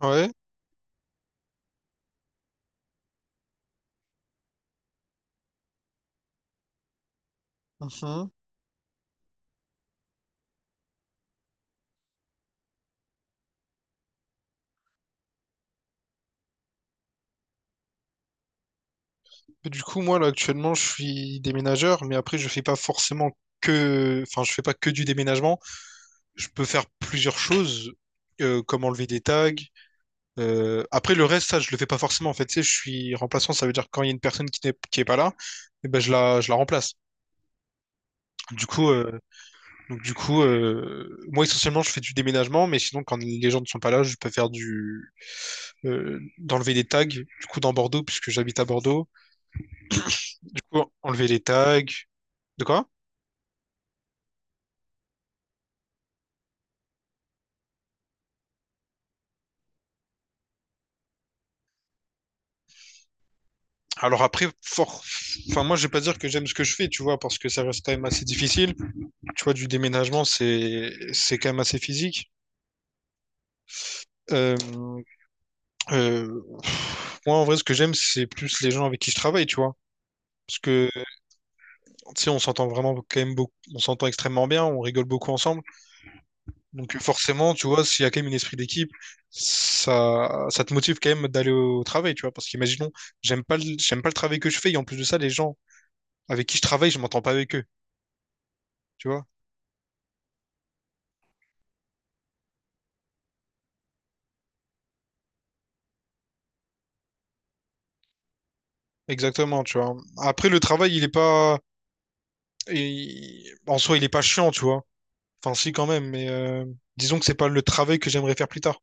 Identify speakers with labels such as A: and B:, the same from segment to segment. A: Ouais. Mhm. Et du coup, moi, là, actuellement, je suis déménageur, mais après, je fais pas forcément que. Enfin, je fais pas que du déménagement. Je peux faire plusieurs choses, comme enlever des tags. Après, le reste, ça, je le fais pas forcément. En fait, tu sais, je suis remplaçant. Ça veut dire que quand il y a une personne qui est pas là, eh ben, je la remplace. Du coup, donc, du coup moi, essentiellement, je fais du déménagement, mais sinon, quand les gens ne sont pas là, je peux faire d'enlever des tags, du coup, dans Bordeaux, puisque j'habite à Bordeaux. Du coup, enlever les tags. De quoi? Alors après, enfin, moi, je vais pas dire que j'aime ce que je fais, tu vois, parce que ça reste quand même assez difficile. Tu vois, du déménagement, c'est quand même assez physique. Euh, euh, Moi, en vrai, ce que j'aime, c'est plus les gens avec qui je travaille, tu vois. Parce que, tu sais, on s'entend vraiment quand même beaucoup, on s'entend extrêmement bien, on rigole beaucoup ensemble. Donc, forcément, tu vois, s'il y a quand même un esprit d'équipe, ça te motive quand même d'aller au travail, tu vois. Parce qu'imaginons, j'aime pas le travail que je fais, et en plus de ça, les gens avec qui je travaille, je m'entends pas avec eux, tu vois. Exactement, tu vois. Après, le travail, il est pas. Il- En soi, il est pas chiant, tu vois. Enfin, si, quand même, mais disons que c'est pas le travail que j'aimerais faire plus tard.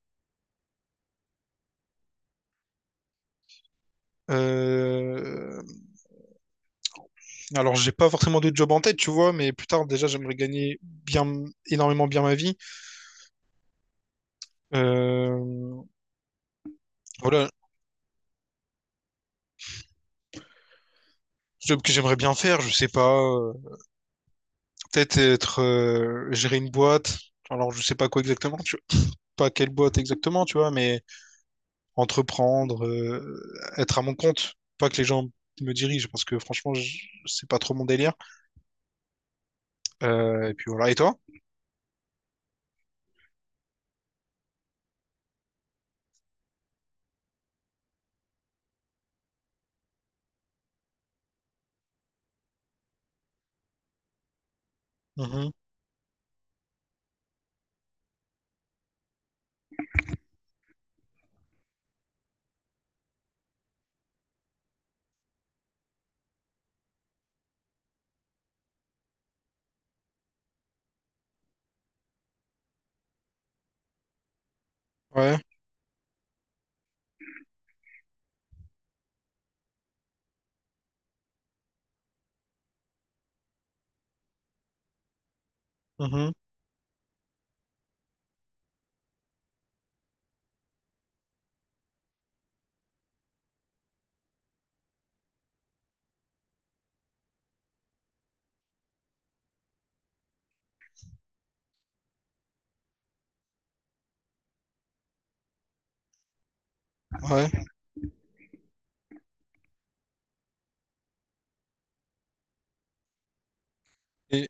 A: Euh, Alors, j'ai pas forcément de job en tête, tu vois, mais plus tard, déjà, j'aimerais gagner bien, énormément bien ma vie. Euh, Voilà, job que j'aimerais bien faire, je sais pas. Peut-être être. Gérer une boîte. Alors, je sais pas quoi exactement, tu vois. Pas quelle boîte exactement, tu vois, mais entreprendre, être à mon compte, pas que les gens me dirigent, parce que franchement, c'est pas trop mon délire. Et puis voilà. Et toi? Mhm. Ouais. Mhm. Ouais. Et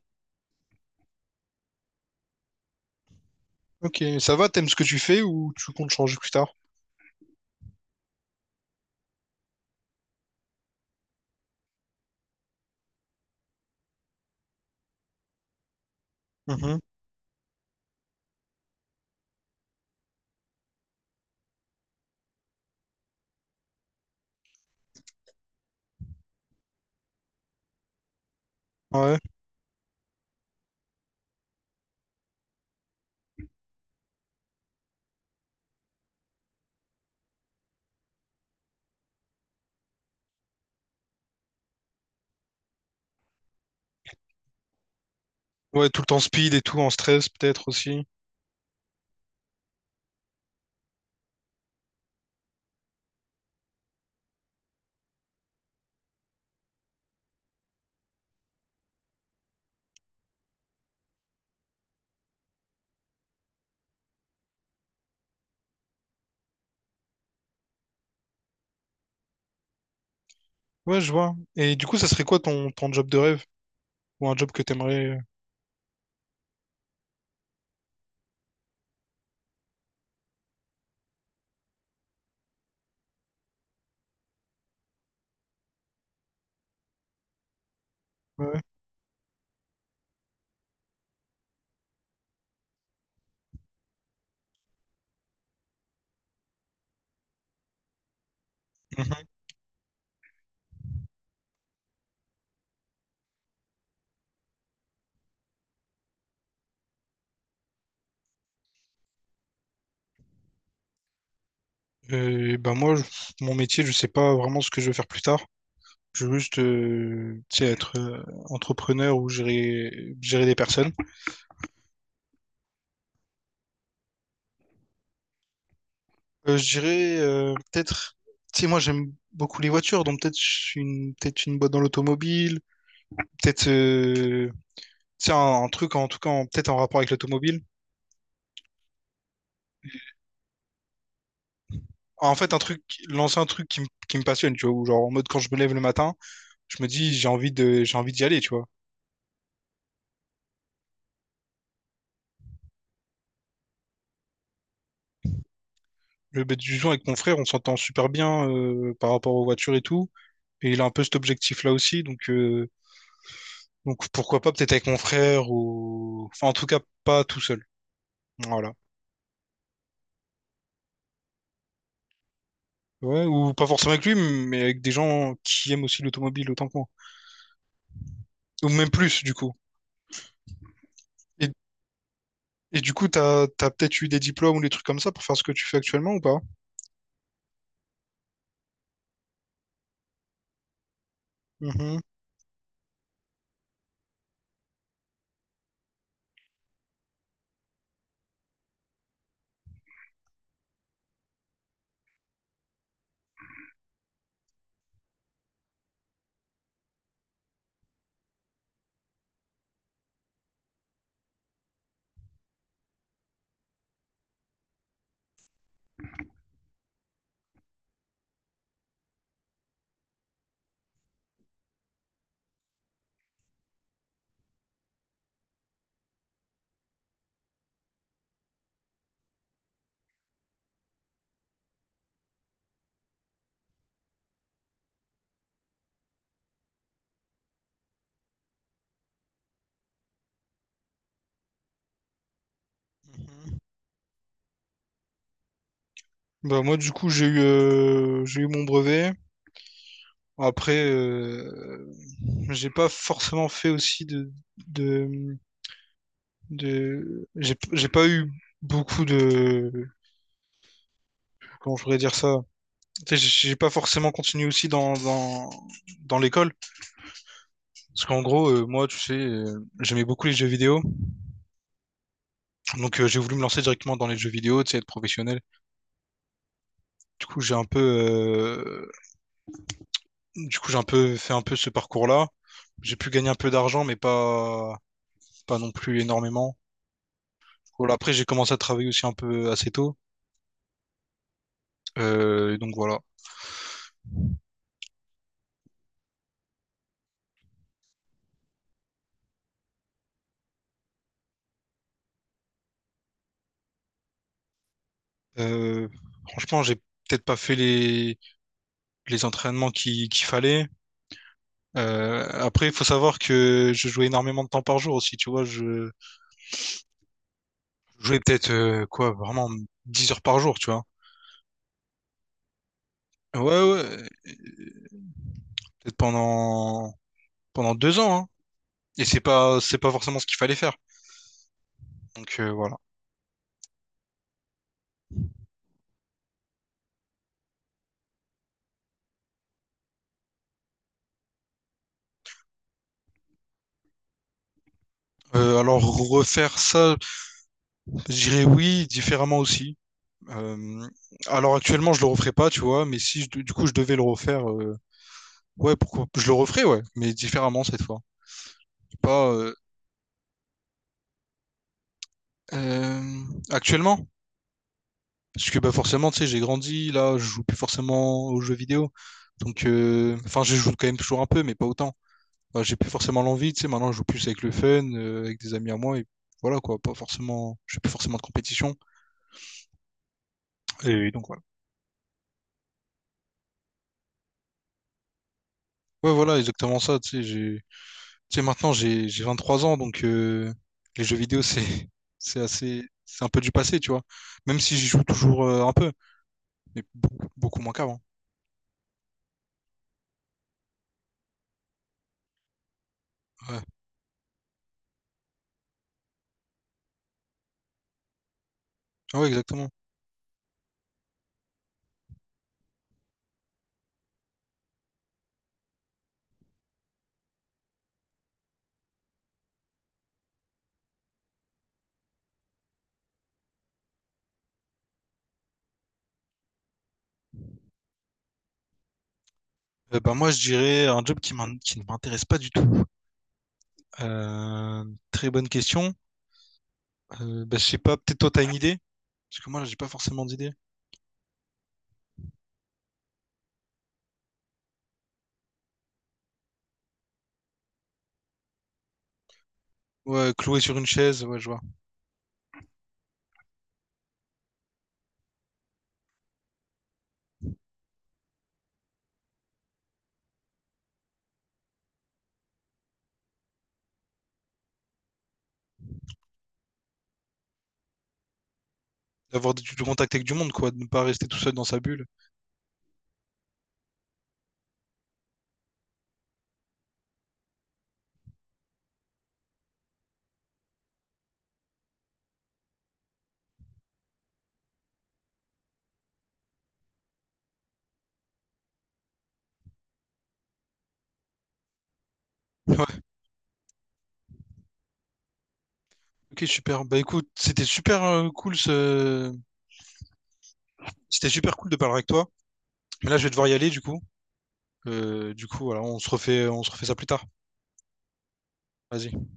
A: ok, ça va, t'aimes ce que tu fais ou tu comptes changer plus tard? Mhm. Ouais. Ouais, tout le temps speed et tout, en stress peut-être aussi. Ouais, je vois. Et du coup, ça serait quoi ton job de rêve? Ou un job que t'aimerais... Ouais. Mhm. Et ben moi, mon métier, je sais pas vraiment ce que je veux faire plus tard. Je veux juste, tu sais, être entrepreneur ou gérer des personnes. Je dirais peut-être, tu sais, moi j'aime beaucoup les voitures, donc peut-être je suis une, peut-être une boîte dans l'automobile, peut-être tu sais, un truc en tout cas, peut-être en rapport avec l'automobile. En fait, un truc, lancer un truc qui me passionne, tu vois, ou genre en mode quand je me lève le matin, je me dis j'ai envie d'y aller, tu vois. Je vais du jour avec mon frère, on s'entend super bien par rapport aux voitures et tout, et il a un peu cet objectif-là aussi, donc pourquoi pas peut-être avec mon frère ou, enfin en tout cas pas tout seul. Voilà. Ouais, ou pas forcément avec lui, mais avec des gens qui aiment aussi l'automobile autant que moi. Ou même plus, du coup. Et, et du coup, t'as peut-être eu des diplômes ou des trucs comme ça pour faire ce que tu fais actuellement ou pas? Mhm. Mhm. Bah moi, du coup, j'ai eu mon brevet. Après, j'ai pas forcément fait aussi de, de. J'ai pas eu beaucoup de. Comment je pourrais dire ça? Tu sais, j'ai pas forcément continué aussi dans l'école. Parce qu'en gros, moi, tu sais, j'aimais beaucoup les jeux vidéo. Donc, j'ai voulu me lancer directement dans les jeux vidéo, tu sais, être professionnel. Du coup, j'ai un peu fait un peu ce parcours-là. J'ai pu gagner un peu d'argent, mais pas non plus énormément. Voilà, après, j'ai commencé à travailler aussi un peu assez tôt. Donc, voilà. Euh, Franchement, j'ai peut-être pas fait les entraînements qu'il fallait. Après, il faut savoir que je jouais énormément de temps par jour aussi, tu vois. Je jouais peut-être quoi, vraiment 10 heures par jour, tu vois. Ouais, ouais. euh, Peut-être pendant 2 ans, hein. Et c'est pas forcément ce qu'il fallait faire. Donc voilà. Alors refaire ça, je dirais oui, différemment aussi. Euh, alors actuellement, je le referais pas, tu vois, mais si du coup je devais le refaire, ouais, pourquoi je le referais, ouais, mais différemment cette fois. Pas euh, actuellement. Parce que bah, forcément, tu sais, j'ai grandi, là, je joue plus forcément aux jeux vidéo. Donc, enfin, je joue quand même toujours un peu, mais pas autant. Bah, j'ai plus forcément l'envie, tu sais, maintenant, je joue plus avec le fun, avec des amis à moi, et voilà, quoi, pas forcément, je fais plus forcément de compétition. Et donc, voilà. Ouais, voilà, exactement ça, tu sais, tu sais, maintenant, j'ai 23 ans, donc les jeux vidéo, c'est, c'est un peu du passé, tu vois. Même si j'y joue toujours un peu, mais beaucoup, beaucoup moins qu'avant. Ouais, Ah ouais, exactement. Bah, moi, je dirais un job qui ne m'intéresse pas du tout. Euh, Très bonne question. Bah, je sais pas, peut-être toi t'as une idée? Parce que moi j'ai pas forcément d'idée. Ouais, cloué sur une chaise, ouais, je vois. D'avoir du contact avec du monde, quoi, de ne pas rester tout seul dans sa bulle. Ouais, ok, super. Bah écoute, c'était super cool C'était super cool de parler avec toi. Mais là, je vais devoir y aller du coup. Du coup, voilà, on se refait ça plus tard. Vas-y.